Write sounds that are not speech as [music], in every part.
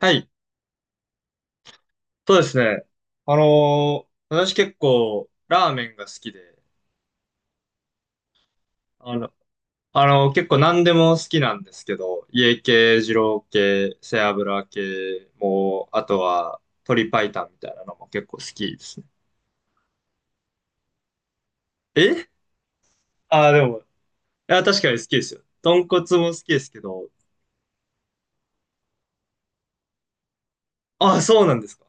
はい、そうですね。あのー私結構ラーメンが好きで、あの、結構何でも好きなんですけど、家系、二郎系、背脂系も、あとは鶏白湯みたいなのも結構好きですね。えああー、でも、いや、確かに好きですよ。豚骨も好きですけど、ああ、そうなんですか。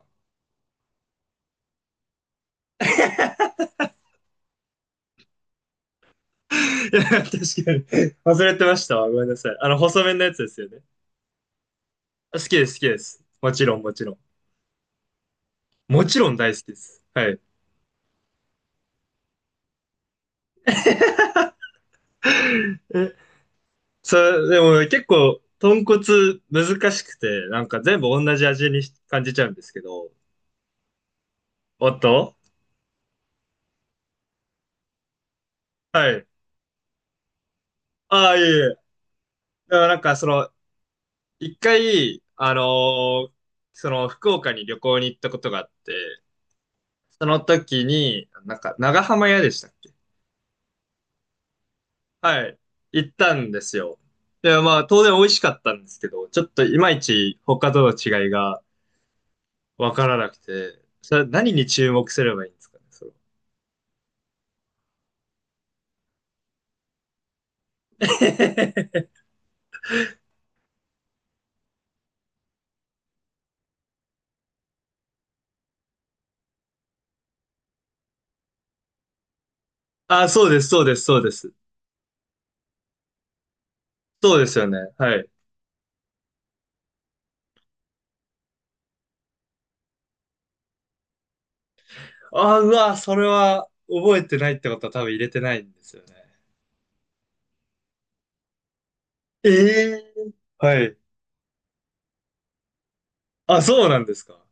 いや、確かに。忘れてましたわ。ごめんなさい。細麺のやつですよね。好きです、好きです。もちろん、もちろん。もちろん大好きです。はい。えそれ、でも結構、豚骨難しくて、なんか全部同じ味に感じちゃうんですけど。おっと、はい。ああ、いえいえ。だからなんかその、一回、ーその福岡に旅行に行ったことがあって、その時に、なんか長浜屋でしたっけ？はい。行ったんですよ。で、まあ当然美味しかったんですけど、ちょっといまいち他との違いがわからなくて、それ何に注目すればいいんですかね、それ。[laughs] あ、そうです、そうです、そうです。そうですよね。はい。あ、うわ、それは覚えてないってことは多分入れてないんですよね。ええー、はい。あ、そうなんですか。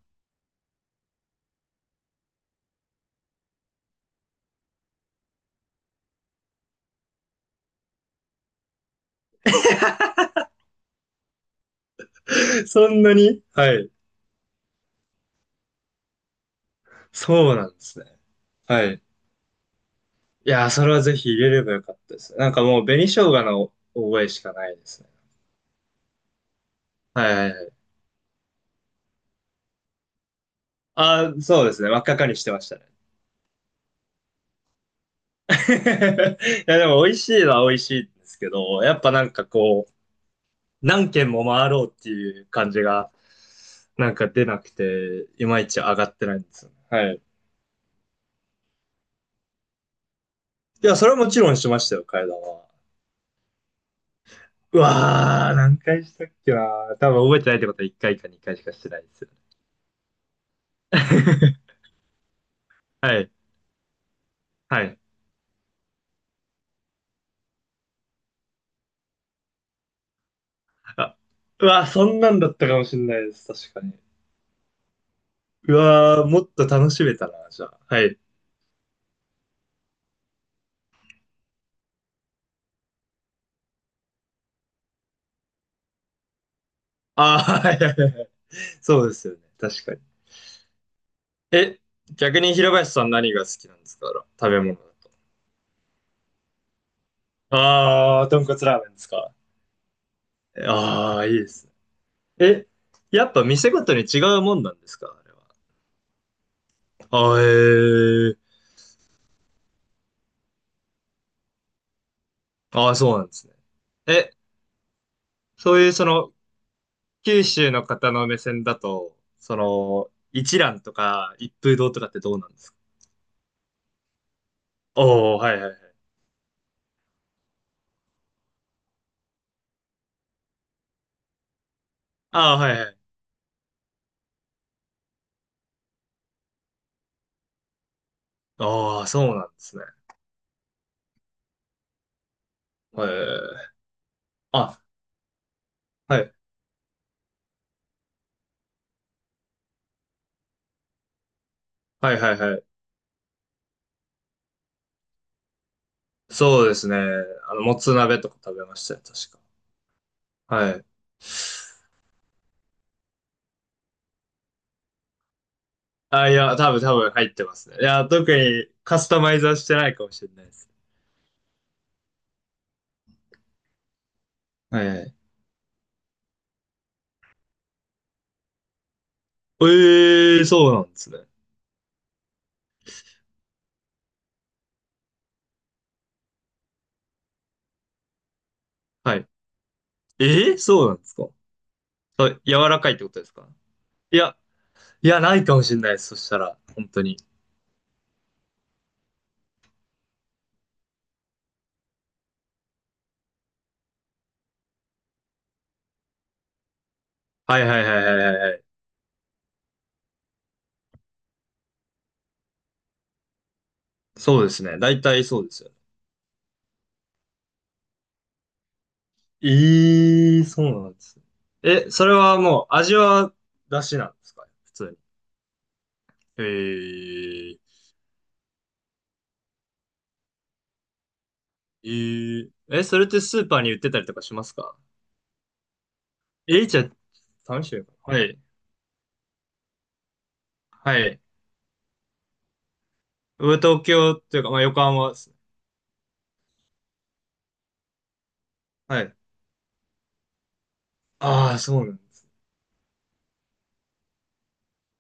[laughs] そんなに、はい。そうなんですね。はい。いやー、それはぜひ入れればよかったです。なんかもう紅生姜の覚えしかないですね。はいはいはい。あー、そうですね。真っ赤かにしてましたね。[laughs] いや、でも美味しいのは美味しいんですけど、やっぱなんかこう、何軒も回ろうっていう感じが、なんか出なくて、いまいち上がってないんですよね。はい。いや、それはもちろんしましたよ、階段は。うわー、何回したっけなー、多分覚えてないってことは1回か2回しかしてないですよ。 [laughs] はい。はい。あ、うわー、そんなんだったかもしれないです、確かに。うわー、もっと楽しめたな、じゃあ。はい。あー、はいはいはいはい。[laughs] そうですよね、確かに。え、逆に平林さん何が好きなんですか？食べ物だと。あー、豚骨ラーメンですか？ああ、いいですね。え、やっぱ店ごとに違うもんなんですか、あれは。ああ、ええ、ああ、そうなんですね。え、そういうその、九州の方の目線だと、その、一蘭とか一風堂とかってどうなんですか？おおー、はいはいはい。ああ、はいはい。ああ、そうなんですね。へえ。あ、はいはいはいはい。そうですね。もつ鍋とか食べましたよ、確か。はい。あ、いや、多分入ってますね。いや、特にカスタマイズはしてないかもしれないです。はいはい。ええー、そうなんですね。はい。ええー、そうなんですか？そう、柔らかいってことですか？いや、いや、ないかもしれないです。そしたら、本当に。はいはいはいはいはいはい。そうですね。大体そうですよね。ええー、そうなんですね。え、それはもう、味は出汁なんですか、普通に？ええーえーえ、それってスーパーに売ってたりとかしますか？じゃあ、試してみようかな。はい。はい。上東京っていうか、まあ、横浜ですね。はい。ああ、そうなんです。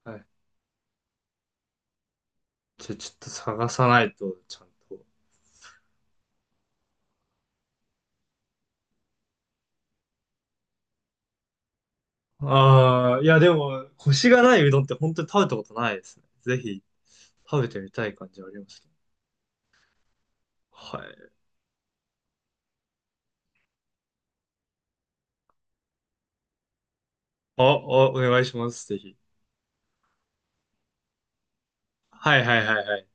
はい。じゃあ、ちょっと探さないと、ちゃんと。ああ、いや、でも、コシがないうどんって本当に食べたことないですね。ぜひ、食べてみたい感じはありますけど。はい。あ、あ、お願いします、ぜひ。はいはいはいはい。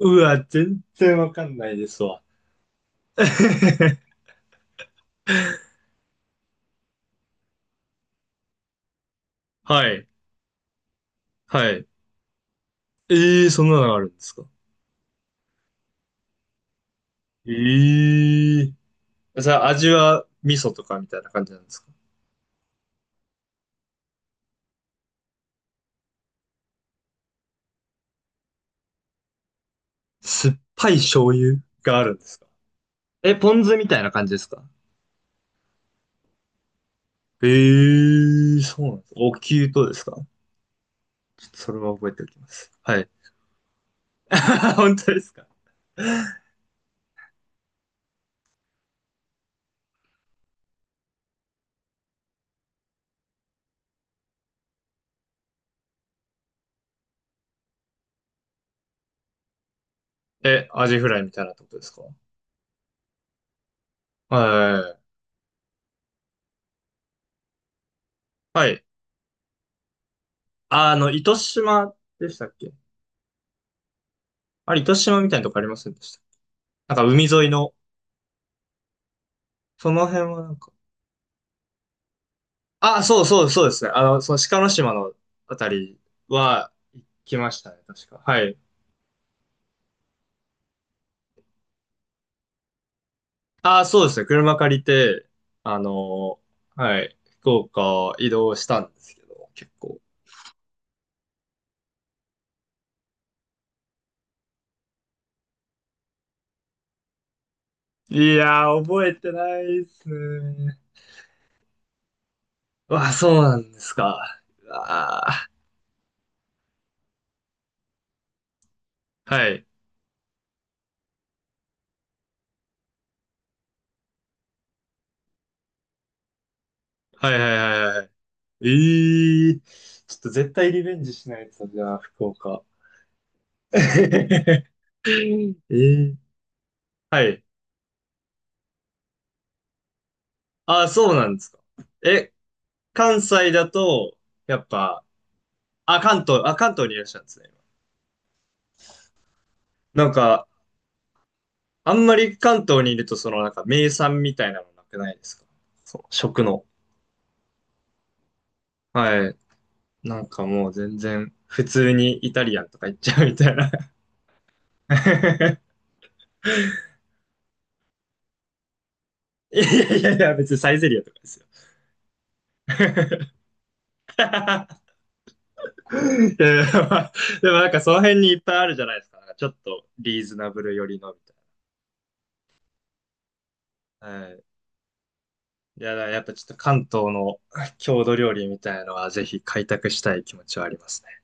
うわ、全然わかんないですわ。[laughs] はい。はい。ええー、そんなのがあるんですか？ええー。じゃあ、味は味噌とかみたいな感じなんですか？酸っぱい醤油があるんですか？え、ポン酢みたいな感じですか？そうなんですお灸とですか？ちょっとそれは覚えておきます。はい。[laughs] 本当ですか？え、アジフライみたいなってことですか？はい。はい。糸島でしたっけ？あれ、糸島みたいなとこありませんでした？なんか海沿いの、その辺はなんか。あ、そうそうそうですね。その鹿の島のあたりは行きましたね、確か。はい。ああ、そうですね。車借りて、あのはい、福岡移動したんですけど、結構。いやー、覚えてないっすね。わあ、そうなんですか。ああ、はい。はいはいはいはい。ええー、ちょっと絶対リベンジしないと、じゃあ、福岡。[laughs] えー、はい。ああ、そうなんですか。え、関西だと、やっぱ、あ、関東、あ、関東にいらっしゃるんですね。なんか、あんまり関東にいると、そのなんか名産みたいなのなくないですか？そう、食の。はい。なんかもう全然、普通にイタリアンとか行っちゃうみたいな。[laughs] いやいやいや、別にサイゼリアとかですよ。[laughs] いやいやまあ、でもなんかその辺にいっぱいあるじゃないですか。なんかちょっとリーズナブル寄りのみたいな。はい。いや、だからやっぱちょっと関東の郷土料理みたいなのはぜひ開拓したい気持ちはありますね。